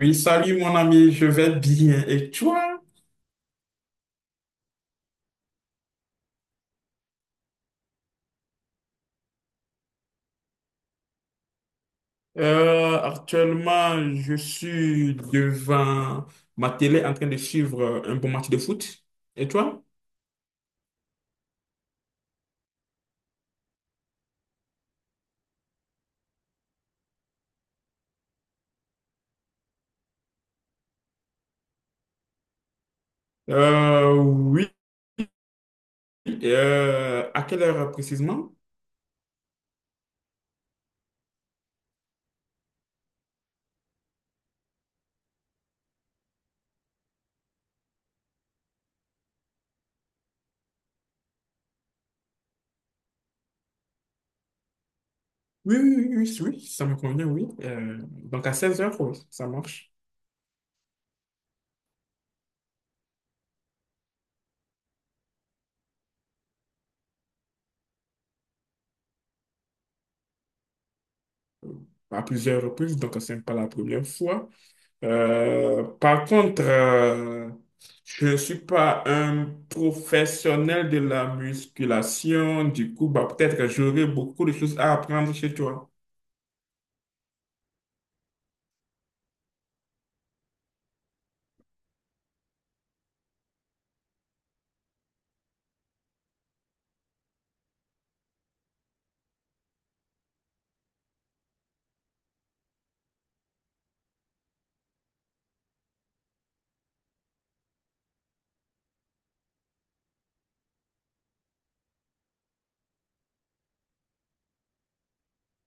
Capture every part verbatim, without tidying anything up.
Oui, salut mon ami, je vais bien. Et toi? Euh, actuellement, je suis devant ma télé en train de suivre un bon match de foot. Et toi? Euh, oui. Euh, à quelle heure précisément? Oui, oui, oui, oui, oui, ça me convient, oui. Euh, donc à seize heures, ça marche. À plusieurs reprises, donc ce n'est pas la première fois. Euh, par contre, euh, je ne suis pas un professionnel de la musculation. Du coup, bah, peut-être que j'aurai beaucoup de choses à apprendre chez toi.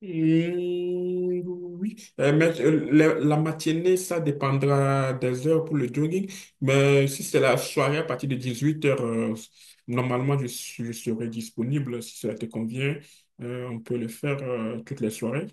Mmh, oui. Euh, mais euh, la, la matinée, ça dépendra des heures pour le jogging. Mais si c'est la soirée à partir de dix-huit heures, normalement, je, suis- je serai disponible. Si cela te convient, Euh, on peut le faire euh, toutes les soirées.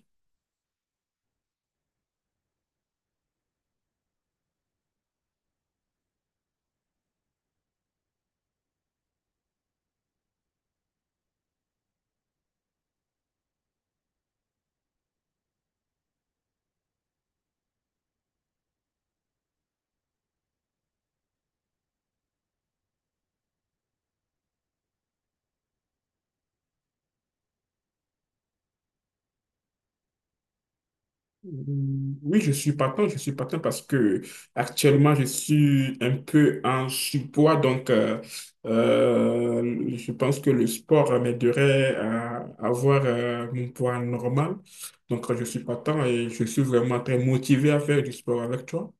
Oui, je suis partant, je suis partant parce que actuellement je suis un peu en surpoids, donc euh, euh, je pense que le sport m'aiderait à avoir euh, mon poids normal. Donc euh, je suis partant et je suis vraiment très motivé à faire du sport avec toi.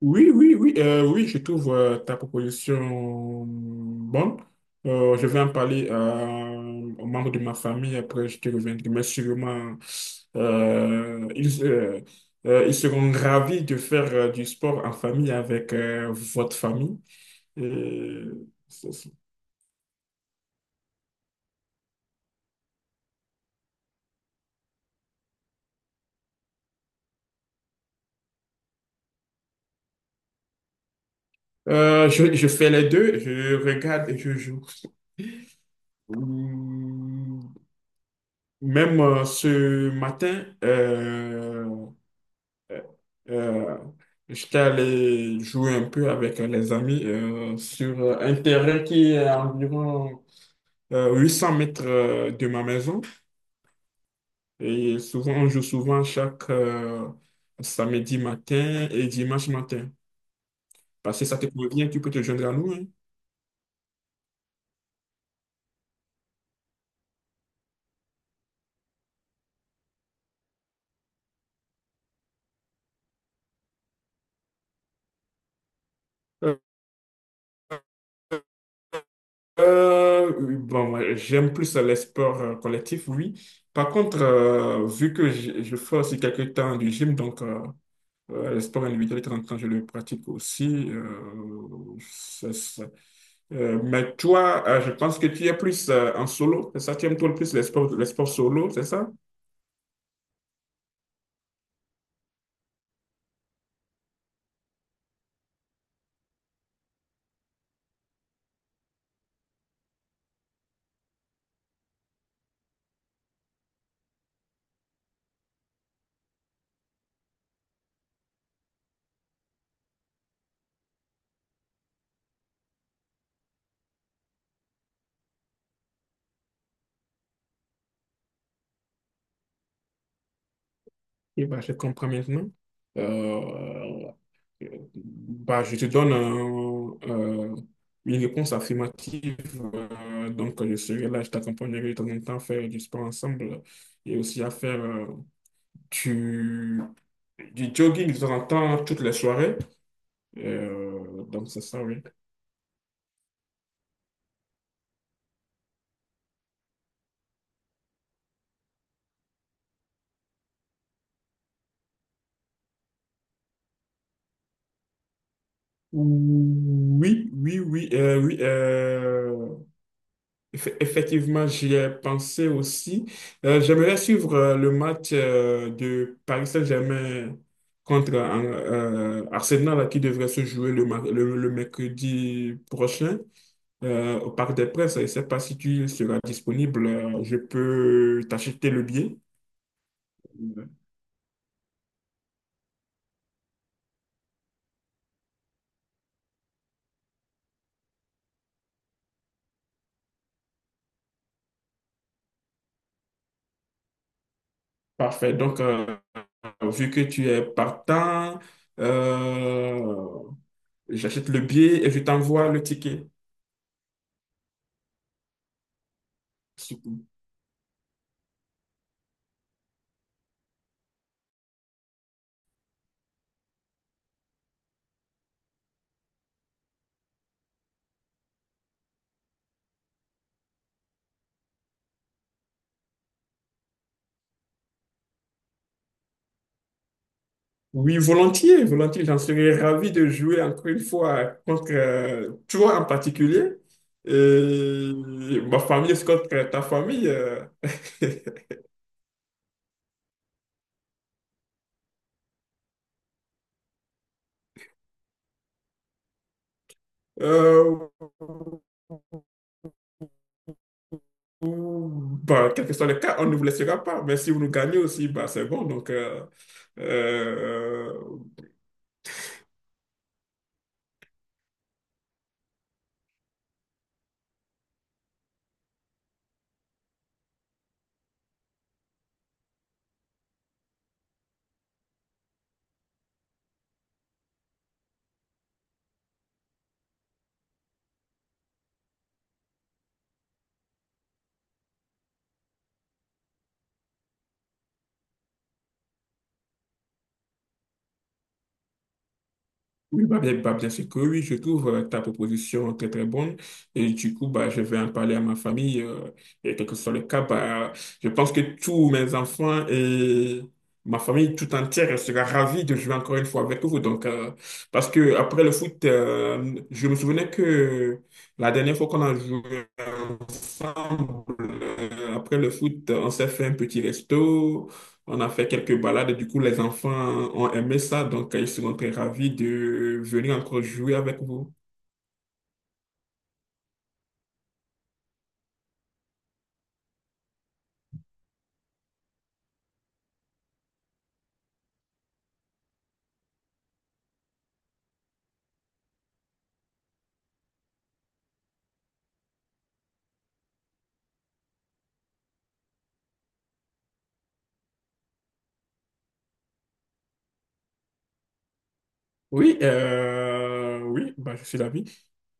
Oui, oui, oui, euh, oui, je trouve euh, ta proposition bonne. Euh, je vais en parler euh, aux membres de ma famille, après je te reviendrai. Mais sûrement, euh, ils, euh, euh, ils seront ravis de faire euh, du sport en famille avec euh, votre famille. Et c'est ça. Euh, je, je fais les deux, je regarde et je joue. Hum. Même euh, ce matin, euh, Euh, euh, j'étais allé jouer un peu avec euh, les amis euh, sur euh, un terrain qui est à environ euh, huit cents mètres euh, de ma maison. Et souvent, on joue souvent chaque euh, samedi matin et dimanche matin. Parce que ça te convient, tu peux te joindre à nous, hein. Euh, Euh, oui, bon, moi, j'aime plus les sports euh, collectifs, oui. Par contre, euh, vu que je, je fais aussi quelques temps du gym, donc euh, euh, le sport individuel, de temps en temps, je le pratique aussi, euh, c'est ça. Euh, mais toi, euh, je pense que tu es plus euh, en solo, c'est ça? Tu aimes toi le plus les sports, les sports solo, c'est ça? Oui, bah, je comprends maintenant. Euh, Bah, je te donne un, euh, une réponse affirmative. Euh, donc, je serai là, je t'accompagnerai de temps en temps à faire du sport ensemble et aussi à faire euh, du, du jogging de temps en temps, toutes les soirées. Euh, donc, c'est ça, oui. Oui, oui, oui, euh, oui. euh, Eff- Effectivement, j'y ai pensé aussi. Euh, j'aimerais suivre euh, le match euh, de Paris Saint-Germain contre euh, euh, Arsenal là, qui devrait se jouer le, mar- le, le mercredi prochain euh, au Parc des Princes. Je ne sais pas si tu seras disponible. euh, Je peux t'acheter le billet. Euh, Parfait. Donc, euh, vu que tu es partant, euh, j'achète le billet et je t'envoie le ticket. Oui, volontiers, volontiers. J'en serais ravi de jouer encore une fois contre euh, toi en particulier. Et ma famille, c'est contre ta famille. euh. euh. Ou- bah, quel que soit le cas, on ne vous laissera pas. Mais si vous nous gagnez aussi, bah, c'est bon. Donc, euh, euh, Oui, bah, bien, bah, bien sûr que oui, je trouve euh, ta proposition très très bonne et du coup, bah, je vais en parler à ma famille euh, et quel que soit le cas, bah, je pense que tous mes enfants et ma famille tout entière sera ravie de jouer encore une fois avec vous. Donc, euh, parce que après le foot, euh, je me souvenais que la dernière fois qu'on a joué ensemble, euh, après le foot, on s'est fait un petit resto. On a fait quelques balades, du coup, les enfants ont aimé ça, donc euh, ils seront très ravis de venir encore jouer avec vous. Oui, euh, oui, bah, je suis ravi.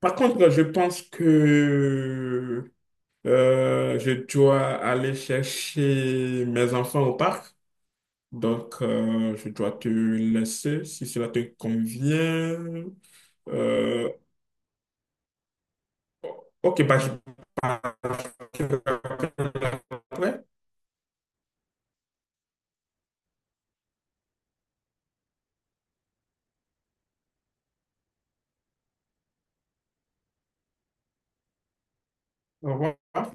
Par contre, je pense que euh, je dois aller chercher mes enfants au parc, donc euh, je dois te laisser si cela te convient. Euh, ok, bah, je te rappelle après. Au revoir.